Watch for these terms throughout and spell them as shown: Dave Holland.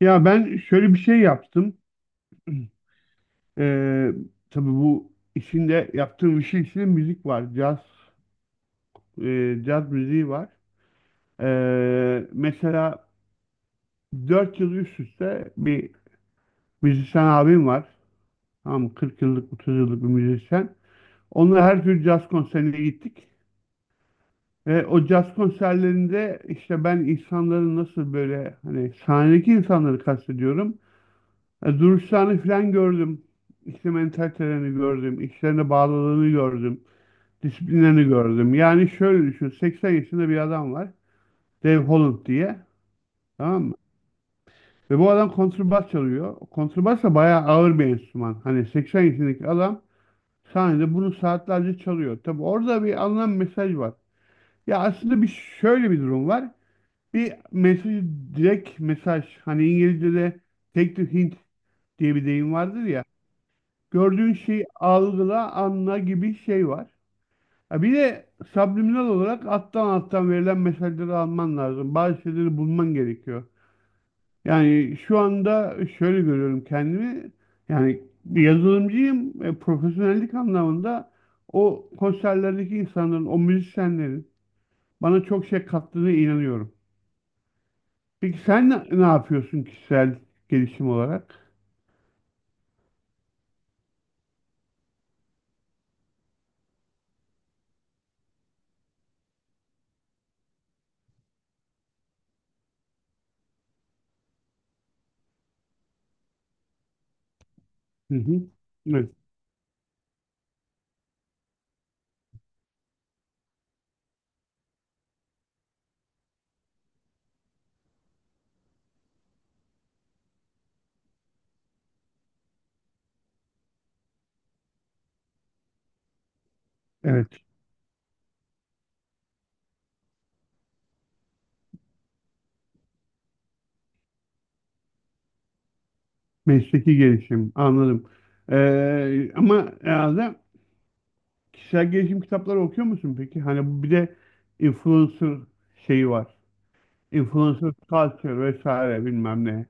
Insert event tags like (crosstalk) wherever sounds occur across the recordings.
Ya ben şöyle bir şey yaptım. (clears throat) Ee, tabii bu işinde yaptığım işin içinde müzik var. Caz müziği var. Mesela 4 yıl üst üste bir müzisyen abim var. Tamam mı? 40 yıllık, 30 yıllık bir müzisyen. Onunla her tür caz konserine gittik. Ve o caz konserlerinde işte ben insanların nasıl, böyle, hani sahnedeki insanları kastediyorum. Duruşlarını falan gördüm. İşte mentalitelerini gördüm. İşlerine bağlılığını gördüm. Disiplinlerini gördüm. Yani şöyle düşün. 80 yaşında bir adam var. Dave Holland diye. Tamam mı? Ve bu adam kontrbas çalıyor. Kontrbas da bayağı ağır bir enstrüman. Hani 80 yaşındaki adam sahnede bunu saatlerce çalıyor. Tabi orada bir alınan mesaj var. Ya aslında, bir, şöyle bir durum var. Bir mesaj, direkt mesaj. Hani İngilizce'de "take the hint" diye bir deyim vardır ya. Gördüğün şeyi algıla, anla gibi şey var. Ha bir de subliminal olarak alttan alttan verilen mesajları alman lazım. Bazı şeyleri bulman gerekiyor. Yani şu anda şöyle görüyorum kendimi. Yani bir yazılımcıyım. Profesyonellik anlamında o konserlerdeki insanların, o müzisyenlerin bana çok şey kattığına inanıyorum. Peki sen ne, ne yapıyorsun kişisel gelişim olarak? Hı hı. Evet. Evet. Mesleki gelişim, anladım. Ama herhalde kişisel gelişim kitapları okuyor musun peki? Hani bir de influencer şeyi var. Influencer culture vesaire bilmem ne.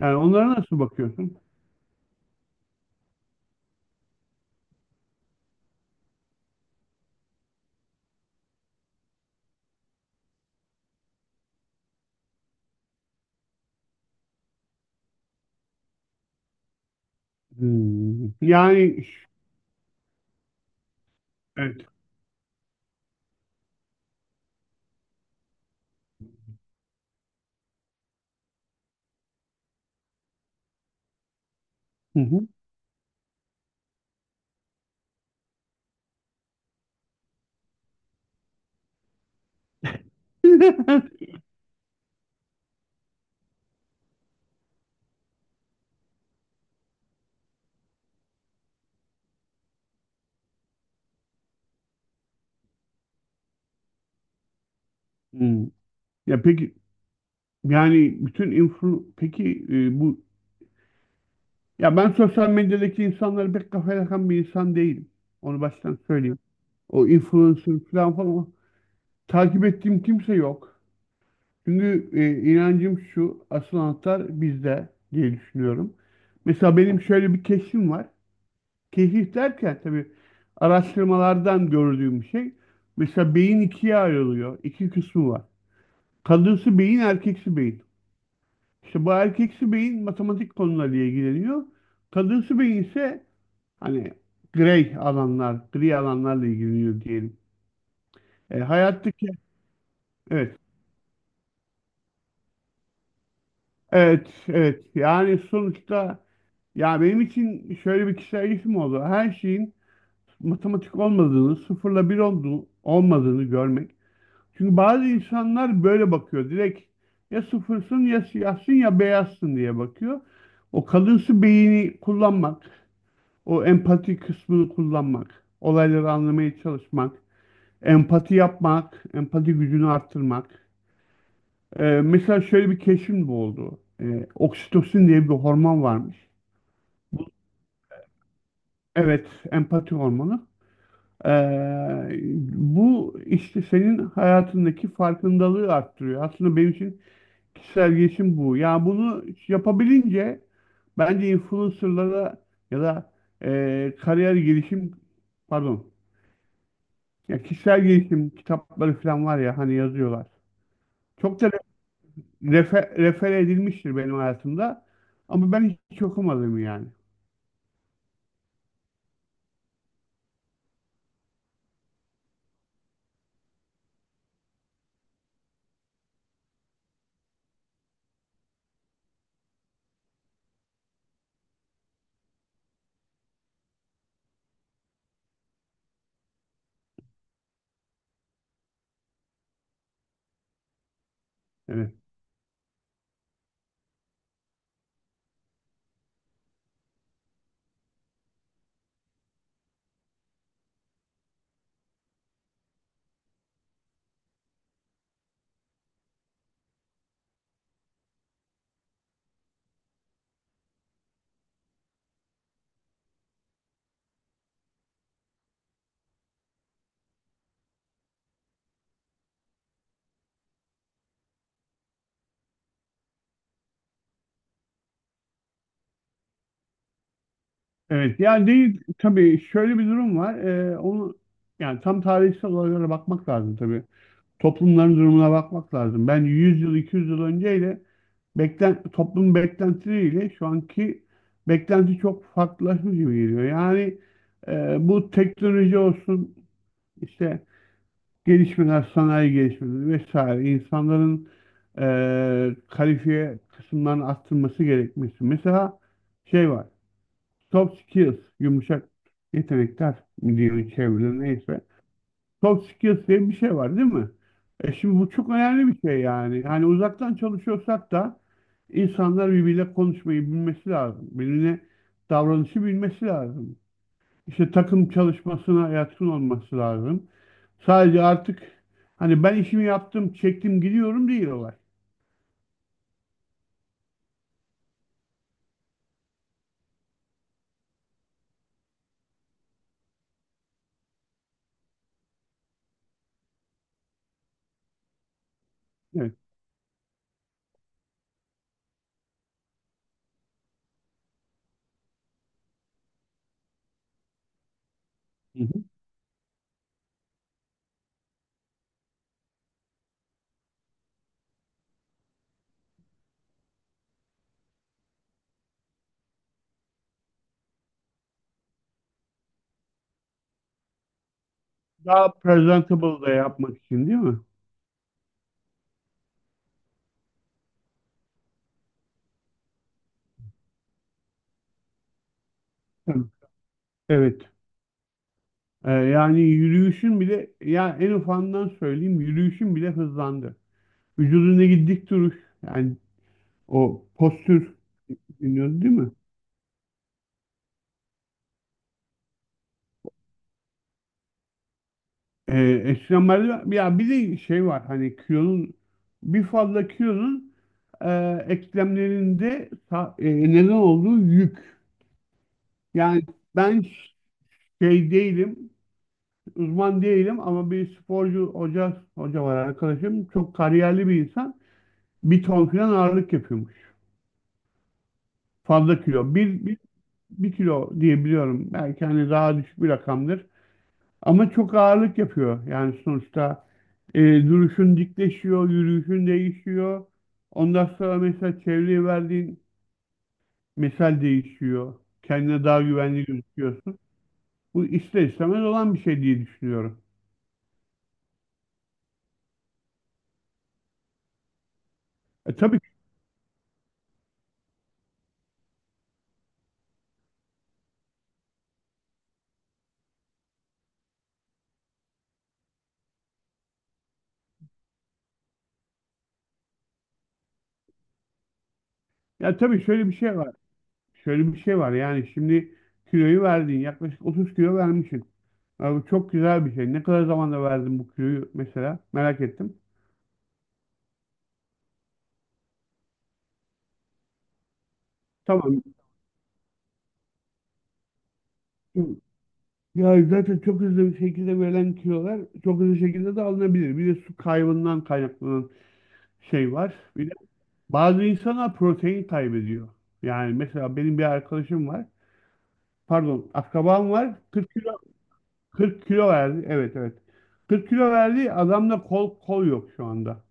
Yani onlara nasıl bakıyorsun? Hmm. Evet. Hı hı. (laughs) Hmm. Ya peki, yani bütün influ, peki, bu, ya, ben sosyal medyadaki insanları pek kafaya takan bir insan değilim. Onu baştan söyleyeyim. O influencer, falan falan. Takip ettiğim kimse yok. Çünkü inancım şu, asıl anahtar bizde diye düşünüyorum. Mesela benim şöyle bir keşfim var. Keşif derken tabii araştırmalardan gördüğüm bir şey. Mesela beyin ikiye ayrılıyor. İki kısmı var. Kadınsı beyin, erkeksi beyin. İşte bu erkeksi beyin matematik konularıyla ilgileniyor. Kadınsı beyin ise hani grey alanlar, gri alanlarla ilgileniyor diyelim. E, hayattaki, evet, evet, evet. Yani sonuçta Ya, benim için şöyle bir kişisel gelişim oldu. Her şeyin matematik olmadığını, sıfırla bir olduğu, olmadığını görmek. Çünkü bazı insanlar böyle bakıyor. Direkt, ya sıfırsın ya siyahsın ya beyazsın diye bakıyor. O kalınsı beyni kullanmak, o empati kısmını kullanmak, olayları anlamaya çalışmak, empati yapmak, empati gücünü arttırmak. Mesela şöyle bir keşfim bu oldu. Oksitosin diye bir hormon varmış. Evet, empati hormonu. Ee, Bu işte senin hayatındaki farkındalığı arttırıyor. Aslında benim için kişisel gelişim bu. Yani bunu yapabilince bence influencerlara ya da, kariyer gelişim, pardon, ya kişisel gelişim kitapları falan var ya hani yazıyorlar. Çok da refer edilmiştir benim hayatımda ama ben hiç okumadım yani. Evet. Evet. Yani değil tabii, şöyle bir durum var. Onu, yani tam tarihsel olaylara bakmak lazım tabii. Toplumların durumuna bakmak lazım. Ben 100 yıl 200 yıl önceyle, toplum beklentileriyle şu anki beklenti çok farklılaşmış gibi geliyor. Yani bu teknoloji olsun, işte gelişmeler, sanayi gelişmeleri vesaire, insanların kalifiye kısımlarını arttırması gerekmesi. Mesela şey var. Soft skills, yumuşak yetenekler mi diyelim çevrede, neyse. Soft skills diye bir şey var değil mi? E şimdi bu çok önemli bir şey yani. Hani uzaktan çalışıyorsak da insanlar birbiriyle konuşmayı bilmesi lazım. Birbirine davranışı bilmesi lazım. İşte takım çalışmasına yatkın olması lazım. Sadece artık hani ben işimi yaptım, çektim, gidiyorum değil olay. Evet. Hı hı. Daha presentable da yapmak için değil mi? Hı. Evet. Yani yürüyüşün bile, ya en ufandan söyleyeyim, yürüyüşün bile hızlandı. Vücudundaki dik duruş, yani o postür, dinliyoruz değil mi? Eskiden merdiven, ya bir de şey var, hani kilonun, bir fazla kilonun, e, eklemlerinde neden olduğu yük. Yani ben şey değilim, uzman değilim, ama bir sporcu hoca var arkadaşım, çok kariyerli bir insan. Bir ton falan ağırlık yapıyormuş. Fazla kilo. Bir kilo diye biliyorum. Belki hani daha düşük bir rakamdır. Ama çok ağırlık yapıyor. Yani sonuçta e, duruşun dikleşiyor, yürüyüşün değişiyor. Ondan sonra mesela çevreye verdiğin mesel değişiyor. Kendine daha güvenli gözüküyorsun. Bu ister istemez olan bir şey diye düşünüyorum. Tabii, ya tabii, şöyle bir şey var. Yani şimdi kiloyu verdin. Yaklaşık 30 kilo vermişsin. Ya bu çok güzel bir şey. Ne kadar zamanda verdin bu kiloyu mesela? Merak ettim. Tamam. Ya zaten çok hızlı bir şekilde verilen kilolar çok hızlı şekilde de alınabilir. Bir de su kaybından kaynaklanan şey var. Bir de bazı insanlar protein kaybediyor. Yani mesela benim bir arkadaşım var. Pardon, akrabam var. 40 kilo verdi. Evet, evet. 40 kilo verdi. Adamda kol kol yok şu anda.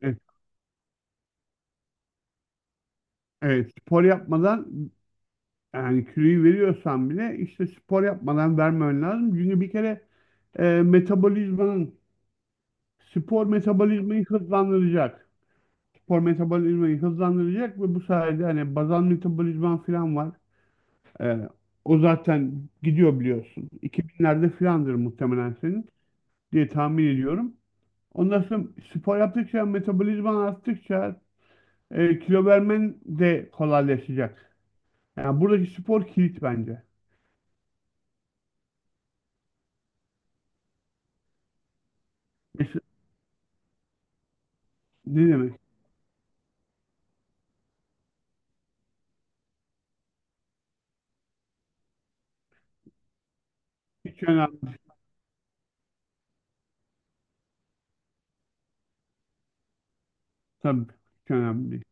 Evet, evet. Spor yapmadan Yani kiloyu veriyorsan bile işte spor yapmadan vermen lazım. Çünkü bir kere, e, metabolizmanın spor metabolizmayı hızlandıracak. Spor metabolizmayı hızlandıracak ve bu sayede hani bazal metabolizman falan var. E, O zaten gidiyor biliyorsun. 2000'lerde filandır muhtemelen senin diye tahmin ediyorum. Ondan sonra spor yaptıkça, metabolizman arttıkça, kilo vermen de kolaylaşacak. Yani buradaki spor kilit bence. Mes- Ne demek? Hiç önemli. Tabii, çok önemli.